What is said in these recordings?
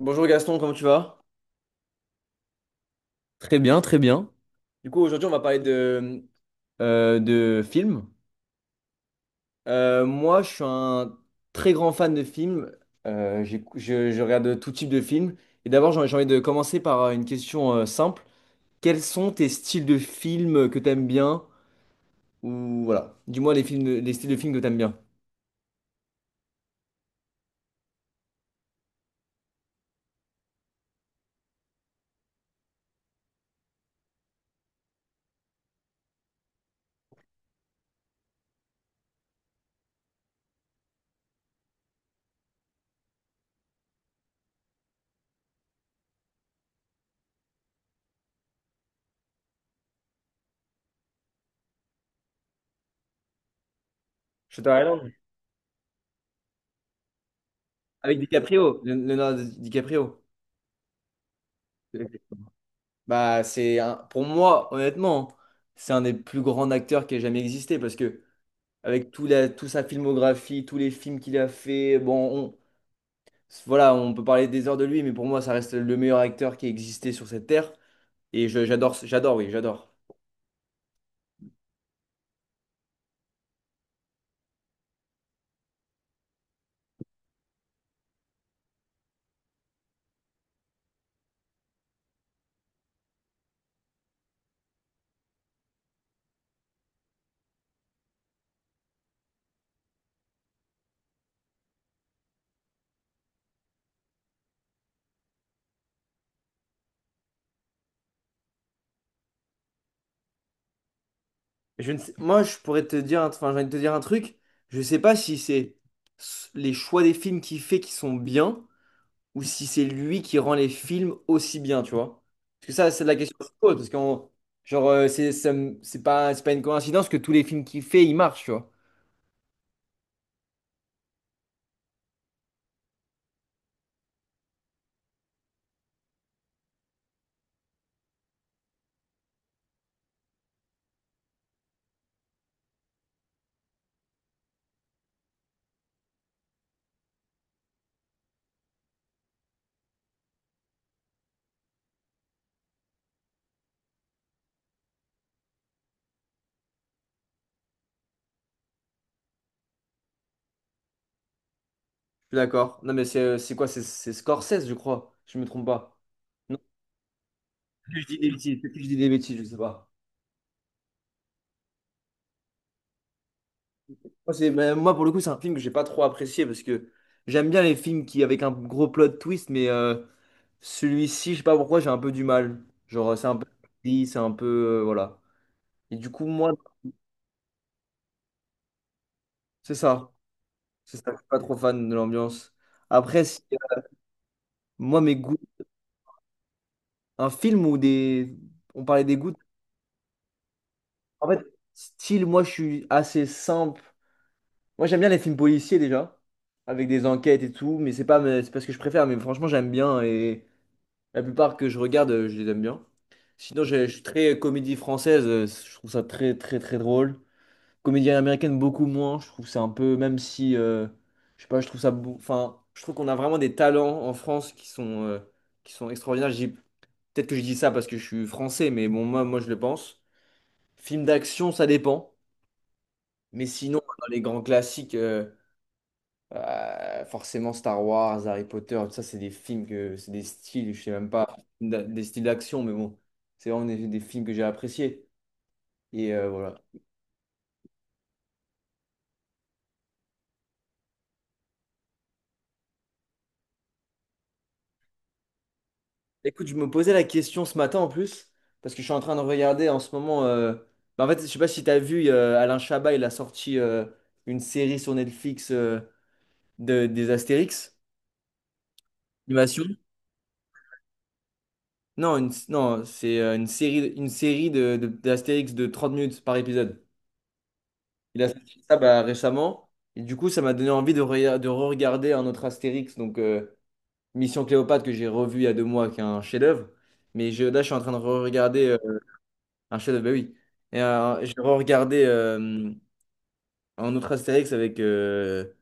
Bonjour Gaston, comment tu vas? Très bien, très bien. Du coup, aujourd'hui, on va parler de films. Moi, je suis un très grand fan de films. Je regarde tout type de films. Et d'abord, j'ai envie de commencer par une question simple. Quels sont tes styles de films que t'aimes bien? Ou voilà, dis-moi les films, les styles de films que t'aimes bien. Shutter Island. Avec DiCaprio, Leonardo DiCaprio. Bah, pour moi, honnêtement, c'est un des plus grands acteurs qui ait jamais existé parce que avec toute sa filmographie, tous les films qu'il a fait. Bon, voilà, on peut parler des heures de lui, mais pour moi, ça reste le meilleur acteur qui a existé sur cette terre. J'adore, oui, j'adore. Je ne sais- Moi, je pourrais te dire, enfin, j'ai envie de te dire un truc. Je sais pas si c'est les choix des films qu'il fait qui sont bien, ou si c'est lui qui rend les films aussi bien, tu vois. Parce que ça, c'est la question que je pose, parce que genre, c'est pas une coïncidence que tous les films qu'il fait, ils marchent, tu vois. Je suis d'accord. Non, mais c'est quoi? C'est Scorsese, je crois. Si je me trompe pas. Non, je dis des bêtises. Peut-être que je dis des bêtises, je sais pas. Moi, mais moi, pour le coup, c'est un film que j'ai pas trop apprécié parce que j'aime bien les films qui avec un gros plot twist, mais celui-ci, je sais pas pourquoi, j'ai un peu du mal. Genre, c'est un peu gris, c'est un peu voilà. Et du coup, moi, c'est ça. C'est ça. Je suis pas trop fan de l'ambiance. Après, si, moi, mes goûts, un film où des, on parlait des goûts. En fait, style, moi, je suis assez simple. Moi, j'aime bien les films policiers déjà, avec des enquêtes et tout, mais c'est pas ce que je préfère, mais franchement, j'aime bien et la plupart que je regarde, je les aime bien. Sinon, je suis très comédie française, je trouve ça très, très, très drôle. Comédie américaine, beaucoup moins, je trouve c'est un peu, même si, je sais pas, je trouve ça, enfin, je trouve qu'on a vraiment des talents en France qui sont extraordinaires. Peut-être que je dis ça parce que je suis français, mais bon, je le pense. Film d'action, ça dépend, mais sinon, dans les grands classiques. Forcément Star Wars, Harry Potter, tout ça, c'est des films que c'est des styles, je sais même pas, des styles d'action, mais bon, c'est vraiment des films que j'ai appréciés. Et voilà. Écoute, je me posais la question ce matin en plus, parce que je suis en train de regarder en ce moment, bah, en fait, je sais pas si tu as vu Alain Chabat, il a sorti une série sur Netflix des Astérix. Animation? Non, non, c'est une série d'Astérix de 30 minutes par épisode. Il a sorti ça bah, récemment. Et du coup, ça m'a donné envie de re-regarder un autre Astérix, donc Mission Cléopâtre que j'ai revu il y a 2 mois, qui est un chef-d'œuvre. Mais je suis en train de re-regarder un chef-d'œuvre, bah oui. Et j'ai re-regardé un autre Astérix avec. euh,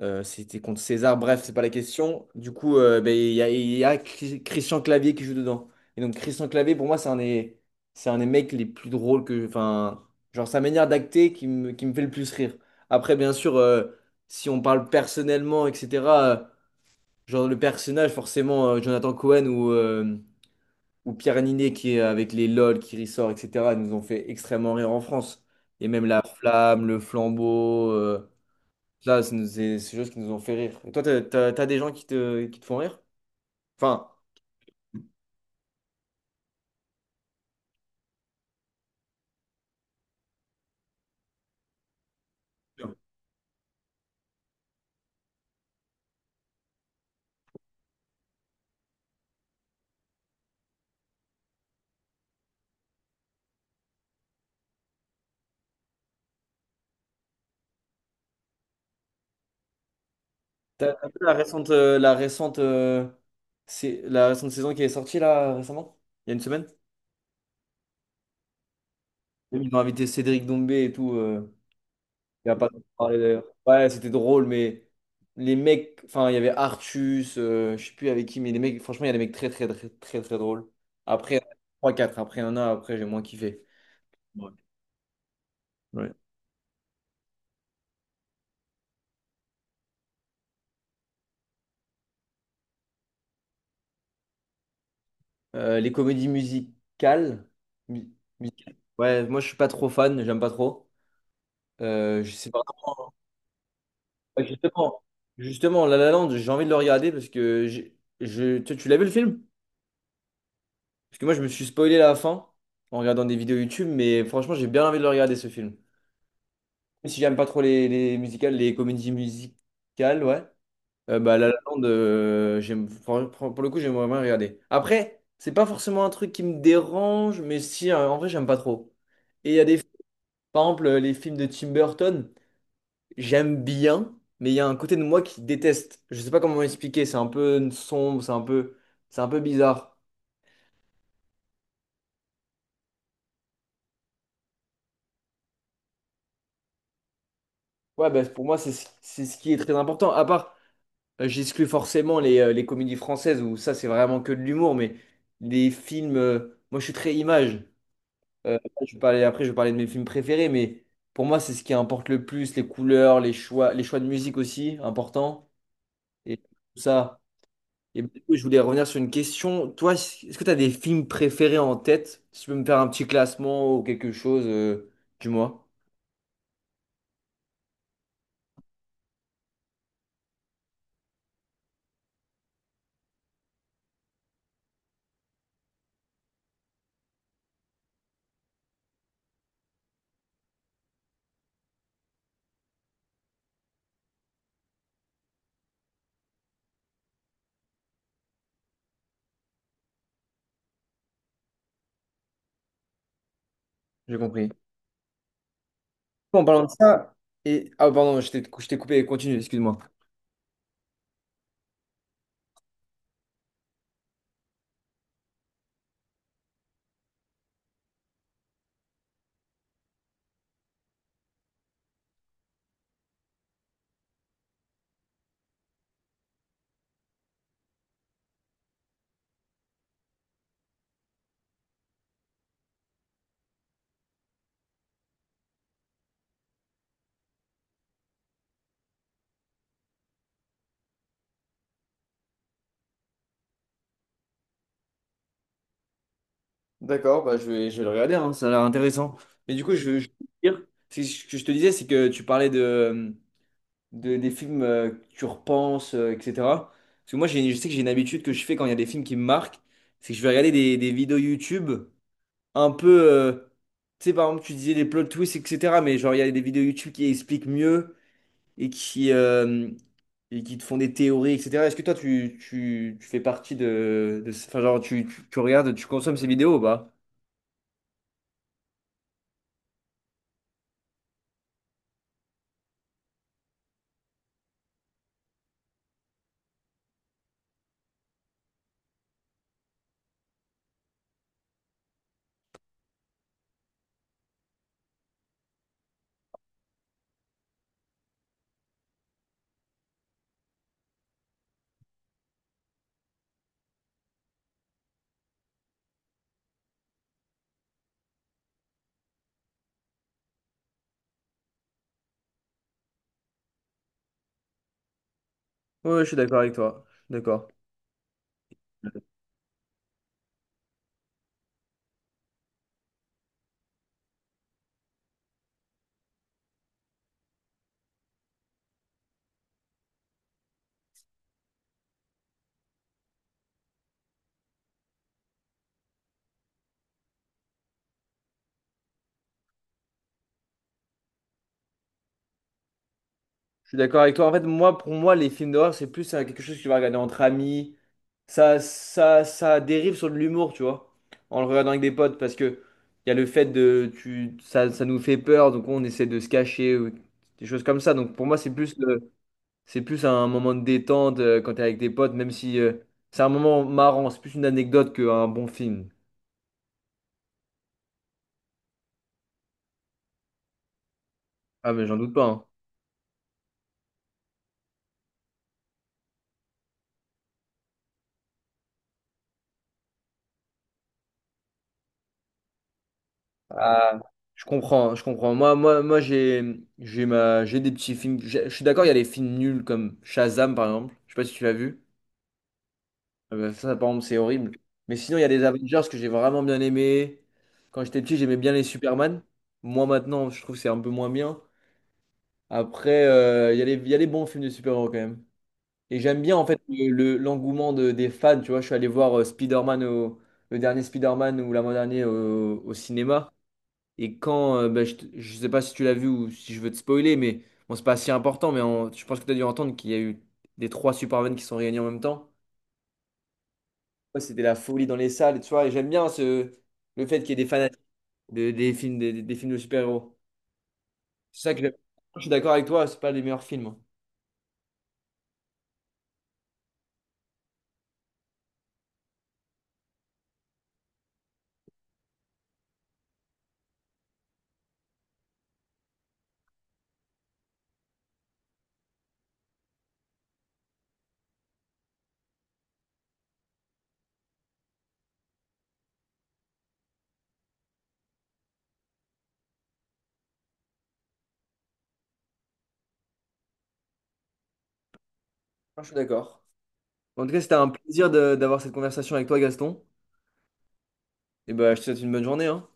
euh, C'était contre César, bref, c'est pas la question. Du coup, ben, il y a Christian Clavier qui joue dedans. Et donc, Christian Clavier, pour moi, c'est un des mecs les plus drôles que. Enfin, genre, sa manière d'acter qui me fait le plus rire. Après, bien sûr, si on parle personnellement, etc., euh, genre, le personnage, forcément, Jonathan Cohen ou Pierre Ninet qui est avec les LOL qui ressort, etc., nous ont fait extrêmement rire en France. Et même la flamme, le flambeau. Là, c'est des choses qui nous ont fait rire. Et toi, t'as des gens qui te font rire? Enfin, t'as vu la récente, c'est la récente saison qui est sortie là récemment? Il y a une semaine? Oui. Ils ont invité Cédric Doumbé et tout. Il y a pas longtemps parlé d'ailleurs. Ouais, c'était drôle, mais les mecs, enfin, il y avait Artus, je sais plus avec qui, mais les mecs, franchement, il y a des mecs très, très, très, très, très drôles. Après, 3-4, après un an, après, j'ai moins kiffé. Ouais. Ouais. Les comédies musicales. mu- Musicales. Ouais, moi je suis pas trop fan, j'aime pas trop. Je sais pas. Ouais, Justement, La La Land, j'ai envie de le regarder parce que tu l'as vu le film? Parce que moi je me suis spoilé la fin en regardant des vidéos YouTube, mais franchement j'ai bien envie de le regarder ce film. Même si j'aime pas trop les musicales, les comédies musicales, ouais. Bah, La La Land, j'aime, pour le coup, j'aimerais bien regarder. Après, c'est pas forcément un truc qui me dérange, mais si, en vrai, j'aime pas trop. Et il y a des Par exemple, les films de Tim Burton, j'aime bien, mais il y a un côté de moi qui déteste. Je sais pas comment expliquer, c'est un peu sombre, c'est un peu bizarre. Ouais, bah, pour moi, c'est ce qui est très important. À part, j'exclus forcément les comédies françaises où ça, c'est vraiment que de l'humour, mais les films, moi, je suis très image. Euh, je vais parler, après, je vais parler de mes films préférés, mais pour moi, c'est ce qui importe le plus, les couleurs, les choix de musique aussi, important. Et tout ça. Et du coup, je voulais revenir sur une question. Toi, est-ce que tu as des films préférés en tête? Si tu peux me faire un petit classement ou quelque chose, dis-moi. J'ai compris. En parlant de ça, et, ah, pardon, je t'ai coupé. Continue, excuse-moi. D'accord, bah je vais le regarder, hein, ça a l'air intéressant. Mais du coup, je veux dire, c'est ce que je te disais, c'est que tu parlais des films que tu repenses, etc. Parce que moi, j'ai, je sais que j'ai une habitude que je fais quand il y a des films qui me marquent, c'est que je vais regarder des vidéos YouTube un peu, tu sais, par exemple, tu disais les plot twists, etc. Mais genre, il y a des vidéos YouTube qui expliquent mieux et qui, euh, et qui te font des théories, etc. Est-ce que toi, tu fais partie enfin, genre, tu regardes, tu consommes ces vidéos ou pas? Ouais, je suis d'accord avec toi. Je suis d'accord. Je suis d'accord avec toi. En fait, moi, pour moi, les films d'horreur, c'est plus quelque chose que tu vas regarder entre amis. Ça dérive sur de l'humour, tu vois, en le regardant avec des potes, parce que il y a le fait de, tu, ça nous fait peur, donc on essaie de se cacher, ou des choses comme ça. Donc pour moi, c'est plus, c'est plus un moment de détente quand t'es avec des potes, même si c'est un moment marrant, c'est plus une anecdote qu'un bon film. Ah mais j'en doute pas, hein. Ah, je comprends, je comprends. Moi, j'ai des petits films. Je suis d'accord, il y a les films nuls comme Shazam par exemple. Je sais pas si tu l'as vu. Ah bah ça, par exemple, c'est horrible. Mais sinon, il y a des Avengers que j'ai vraiment bien aimé. Quand j'étais petit, j'aimais bien les Superman. Moi, maintenant, je trouve que c'est un peu moins bien. Après, il y a les bons films de super-héros quand même. Et j'aime bien, en fait, l'engouement des fans. Tu vois, je suis allé voir Spider-Man, le dernier Spider-Man ou l'avant-dernier au cinéma. Et quand, bah, je sais pas si tu l'as vu ou si je veux te spoiler, mais bon, c'est pas si important, mais je pense que tu as dû entendre qu'il y a eu des trois Superman qui sont réunis en même temps. Ouais, c'était la folie dans les salles, tu vois. Et j'aime bien le fait qu'il y ait des fanatiques des films, des films de super-héros. C'est ça que j'aime. Je suis d'accord avec toi, c'est pas les meilleurs films, hein. Moi, je suis d'accord. En tout cas, c'était un plaisir d'avoir cette conversation avec toi, Gaston. Et bah, je te souhaite une bonne journée, hein.